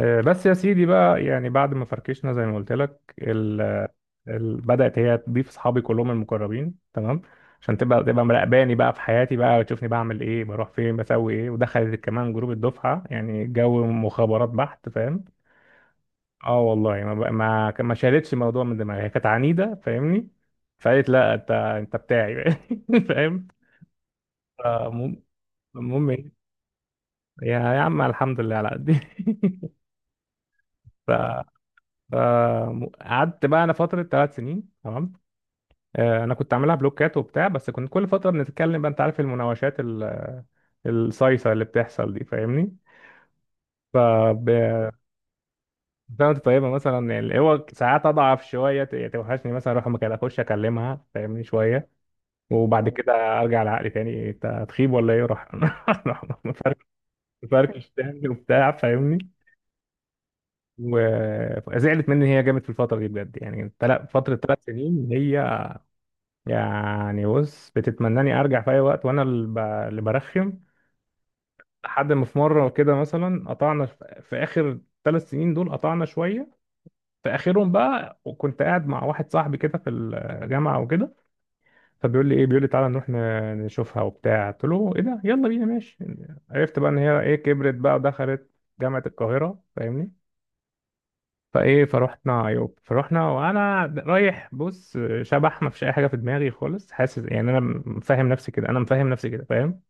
بس يا سيدي بقى يعني بعد ما فركشنا زي ما قلت لك بدأت هي تضيف اصحابي كلهم المقربين. تمام. عشان تبقى مراقباني بقى في حياتي بقى، وتشوفني بعمل ايه، بروح فين، بسوي ايه. ودخلت كمان جروب الدفعة، يعني جو مخابرات بحت، فاهم؟ اه والله، ما بقى ما ما شالتش الموضوع من دماغي، هي كانت عنيدة فاهمني. فقالت لا انت انت بتاعي بقى. فاهم؟ فالمهم- المهم ايه، يا عم، الحمد لله على قد فقعدت بقى انا فتره 3 سنين، تمام. انا كنت عاملها بلوكات وبتاع، بس كنت كل فتره بنتكلم بقى، انت عارف المناوشات الصيصه اللي بتحصل دي فاهمني. فكانت طيبه مثلا يعني. هو ساعات اضعف شويه، يعني توحشني مثلا، اروح مكان اخش اكلمها فاهمني شويه. وبعد كده ارجع لعقلي تاني، انت هتخيب ولا ايه، راح راح مفركش مفركش تاني وبتاع فاهمني. وزعلت مني هي جامد في الفتره دي بجد يعني، فتره ثلاث سنين هي يعني. بص، بتتمناني ارجع في اي وقت، وانا اللي اللي برخم. لحد ما في مره كده مثلا قطعنا، في اخر 3 سنين دول قطعنا شويه، في اخرهم بقى. وكنت قاعد مع واحد صاحبي كده في الجامعه وكده، فبيقول لي ايه، بيقول لي تعالى نروح نشوفها وبتاع. قلت له ايه ده، يلا بينا ماشي. عرفت بقى ان هي ايه، كبرت بقى، ودخلت جامعه القاهره فاهمني. فروحنا عيوب، فروحنا وانا رايح، بص، شبح، ما فيش اي حاجه في دماغي خالص، حاسس يعني انا مفهم نفسي كده، انا مفهم نفسي كده فاهم.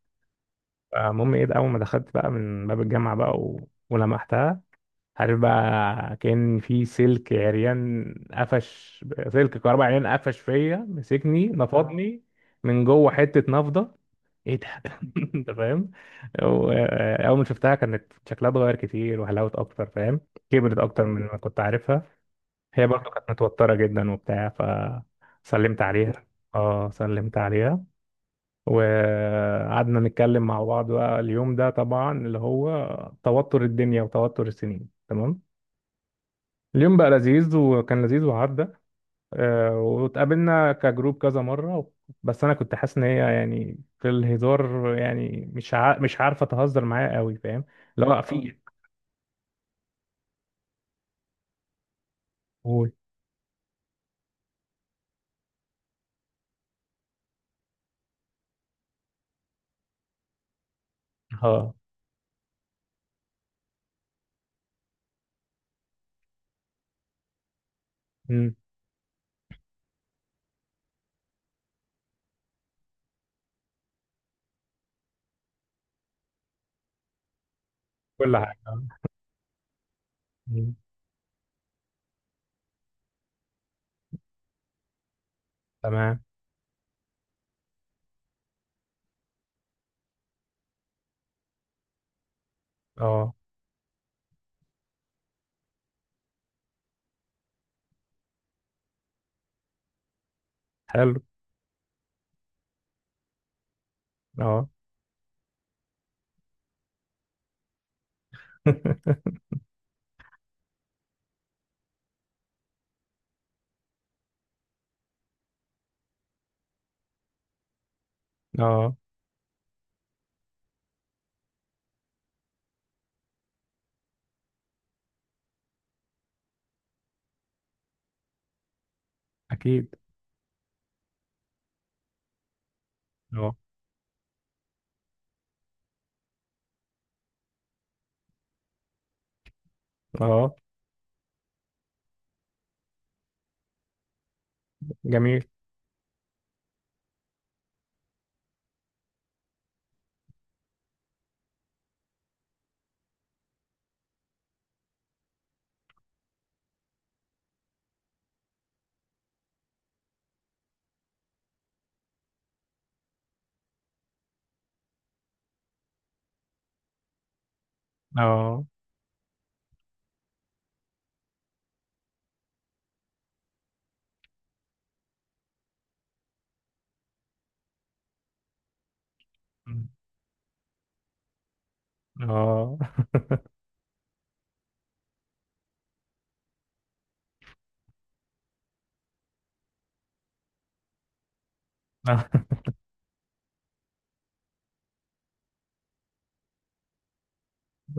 المهم ايه ده، اول ما دخلت بقى من باب الجامعه بقى ولمحتها، عارف بقى، كان في سلك عريان، قفش سلك كهرباء عريان، قفش فيا، مسكني نفضني من جوه حته نفضه، ايه ده انت فاهم. و- اول ما شفتها كانت شكلها اتغير كتير، وحلاوه اكتر فاهم، كبرت اكتر من ما كنت عارفها. هي برضو كانت متوترة جدا وبتاع. فسلمت عليها، اه سلمت عليها، وقعدنا نتكلم مع بعض بقى اليوم ده. طبعا اللي هو توتر الدنيا وتوتر السنين تمام. اليوم بقى لذيذ، وكان لذيذ وعدى. واتقابلنا كجروب كذا مرة. بس انا كنت حاسس ان هي يعني في الهزار يعني مش عارفة تهزر معايا قوي فاهم. لا، في. قول. اه. أمم، كل حاجة. أمم، تمام. اه. حلو. اه اه، اكيد. اه. اه، جميل. اه. اه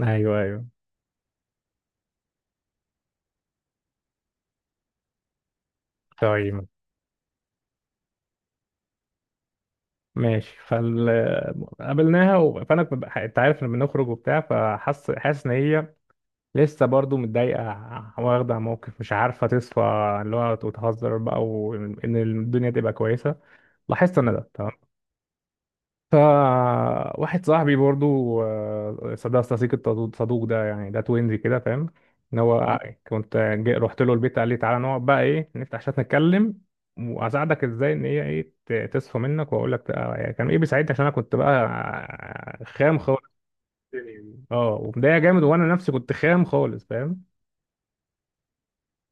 ايوه، ايوه. طيب. ماشي. فال، قابلناها فانا كنت انت عارف لما بنخرج وبتاع، حاسس ان هي لسه برضو متضايقه، واخده موقف، مش عارفه تصفى، اللي هو وتهزر بقى، وان الدنيا تبقى كويسه. لاحظت انا ده. فواحد صاحبي برضو، صدق صديق الصدوق صدوق ده، يعني ده توينزي كده فاهم، ان هو كنت جاي رحت له البيت، قال لي تعالى نقعد بقى ايه، نفتح عشان نتكلم، واساعدك ازاي ان هي ايه تصفى منك. واقول لك يعني كان ايه بيساعدني عشان انا كنت بقى خام خالص. اه، ومضايق جامد، وانا نفسي كنت خام خالص فاهم.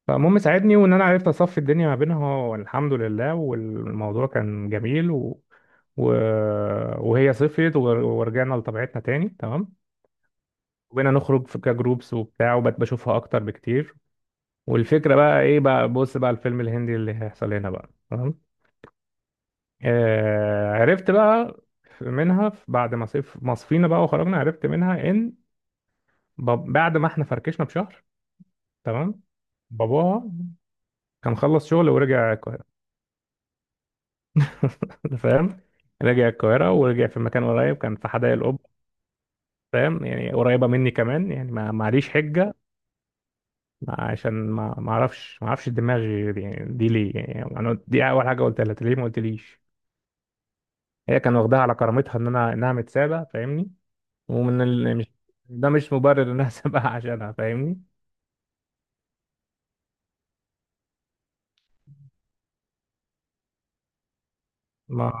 فالمهم ساعدني، وان انا عرفت اصفي الدنيا ما بينها، والحمد لله، والموضوع كان جميل و... وهي صفيت ورجعنا لطبيعتنا تاني، تمام. وبقينا نخرج في كجروبس وبتاع، وبقت بشوفها اكتر بكتير. والفكره بقى ايه بقى، بص بقى، الفيلم الهندي اللي هيحصل هنا بقى، تمام. آه، عرفت بقى منها، بعد ما صف ما صفينا بقى وخرجنا، عرفت منها ان بعد ما احنا فركشنا بشهر، تمام. باباها كان خلص شغل ورجع. أنت فاهم. رجع القاهرة، ورجع في مكان قريب، كان في حدائق القبة، فاهم؟ يعني قريبة مني كمان، يعني ما معليش حجة. عشان ما اعرفش دماغي دي, ليه يعني. انا دي اول حاجة قلتها لها، "أنت ليه ما قلتليش؟" هي كان واخداها على كرامتها، ان انا انها متسابة فاهمني. مش ده، مش مبرر انها سابقة عشانها فاهمني. ما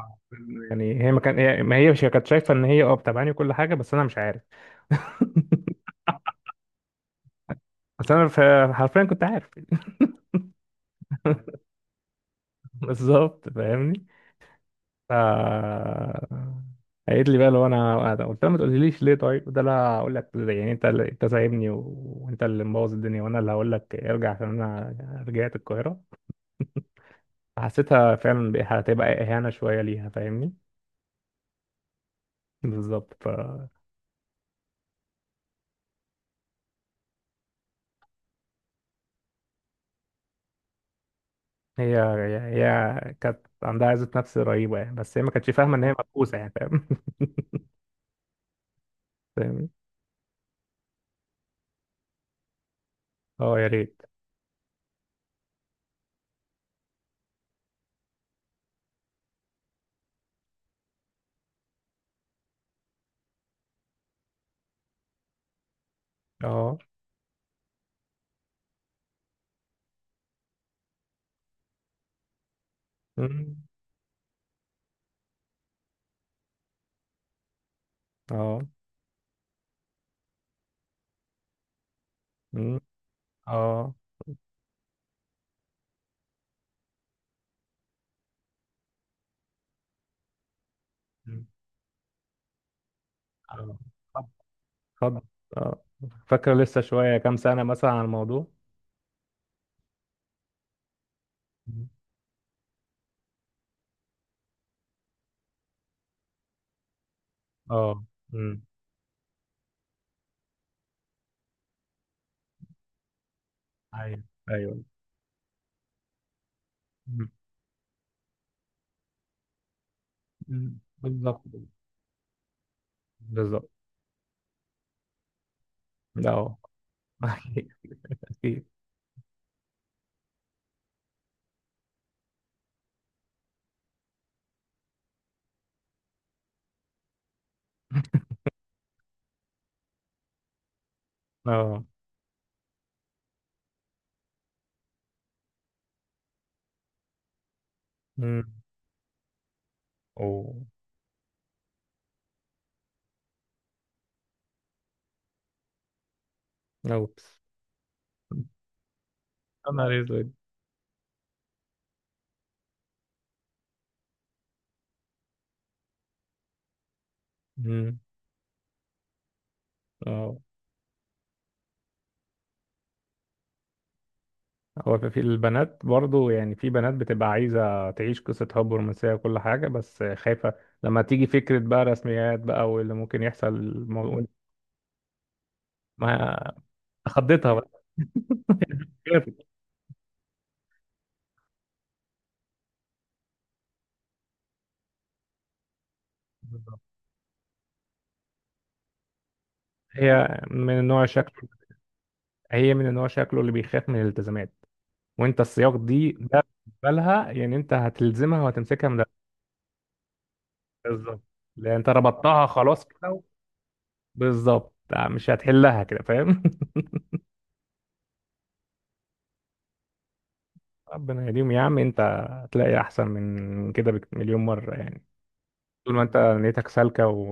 يعني هي ما هي مش كانت شايفة ان هي اه بتابعني وكل حاجة، بس انا مش عارف. بس انا حرفيا كنت عارف بالظبط فاهمني. ف، قالت لي بقى، لو انا، قلت لها ما تقوليليش ليه؟ طيب ده، لا هقول لك يعني، انت اللي انت سايبني، وانت اللي مبوظ الدنيا، وانا اللي هقول لك ارجع عشان انا رجعت القاهره. حسيتها فعلا هتبقى اهانه شويه ليها فاهمني. بالظبط. ف، هي هي كانت عندها عزة نفس رهيبة يعني، بس هي ما كانتش فاهمة إن هي مبؤوسة يعني فاهم. فاهمني. اه، يا ريت. اه. مم. اه. مم. اه. مم. اه. خد. آه. فاكرة لسه شوية كام سنة مثلا عن الموضوع. مم. اه. امم. ايوه، ايوه. مم. مم. بالظبط. بالظبط. اه اكيد. أكيد. اه. امم. اوه. اوبس. يا نهار اسود. امم. اه. هو في، في البنات برضو يعني، في بنات بتبقى عايزة تعيش قصة حب رومانسية وكل حاجة، بس خايفة لما تيجي فكرة بقى رسميات بقى واللي ممكن يحصل الموضوع. ما خضتها بقى. خافت. هي من النوع شكله هي من النوع شكله اللي بيخاف من الالتزامات. وانت السياق ده بالنسبه لها، يعني انت هتلزمها وهتمسكها من ده. بالظبط، لان انت ربطتها خلاص كده. بالظبط، مش هتحلها كده فاهم. ربنا يديم يا عم انت. هتلاقي احسن من كده مليون مره يعني. طول ما انت نيتك سالكه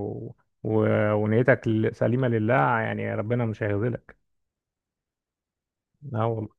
و... ونيتك سليمه لله يعني، ربنا مش هيخذلك. لا والله.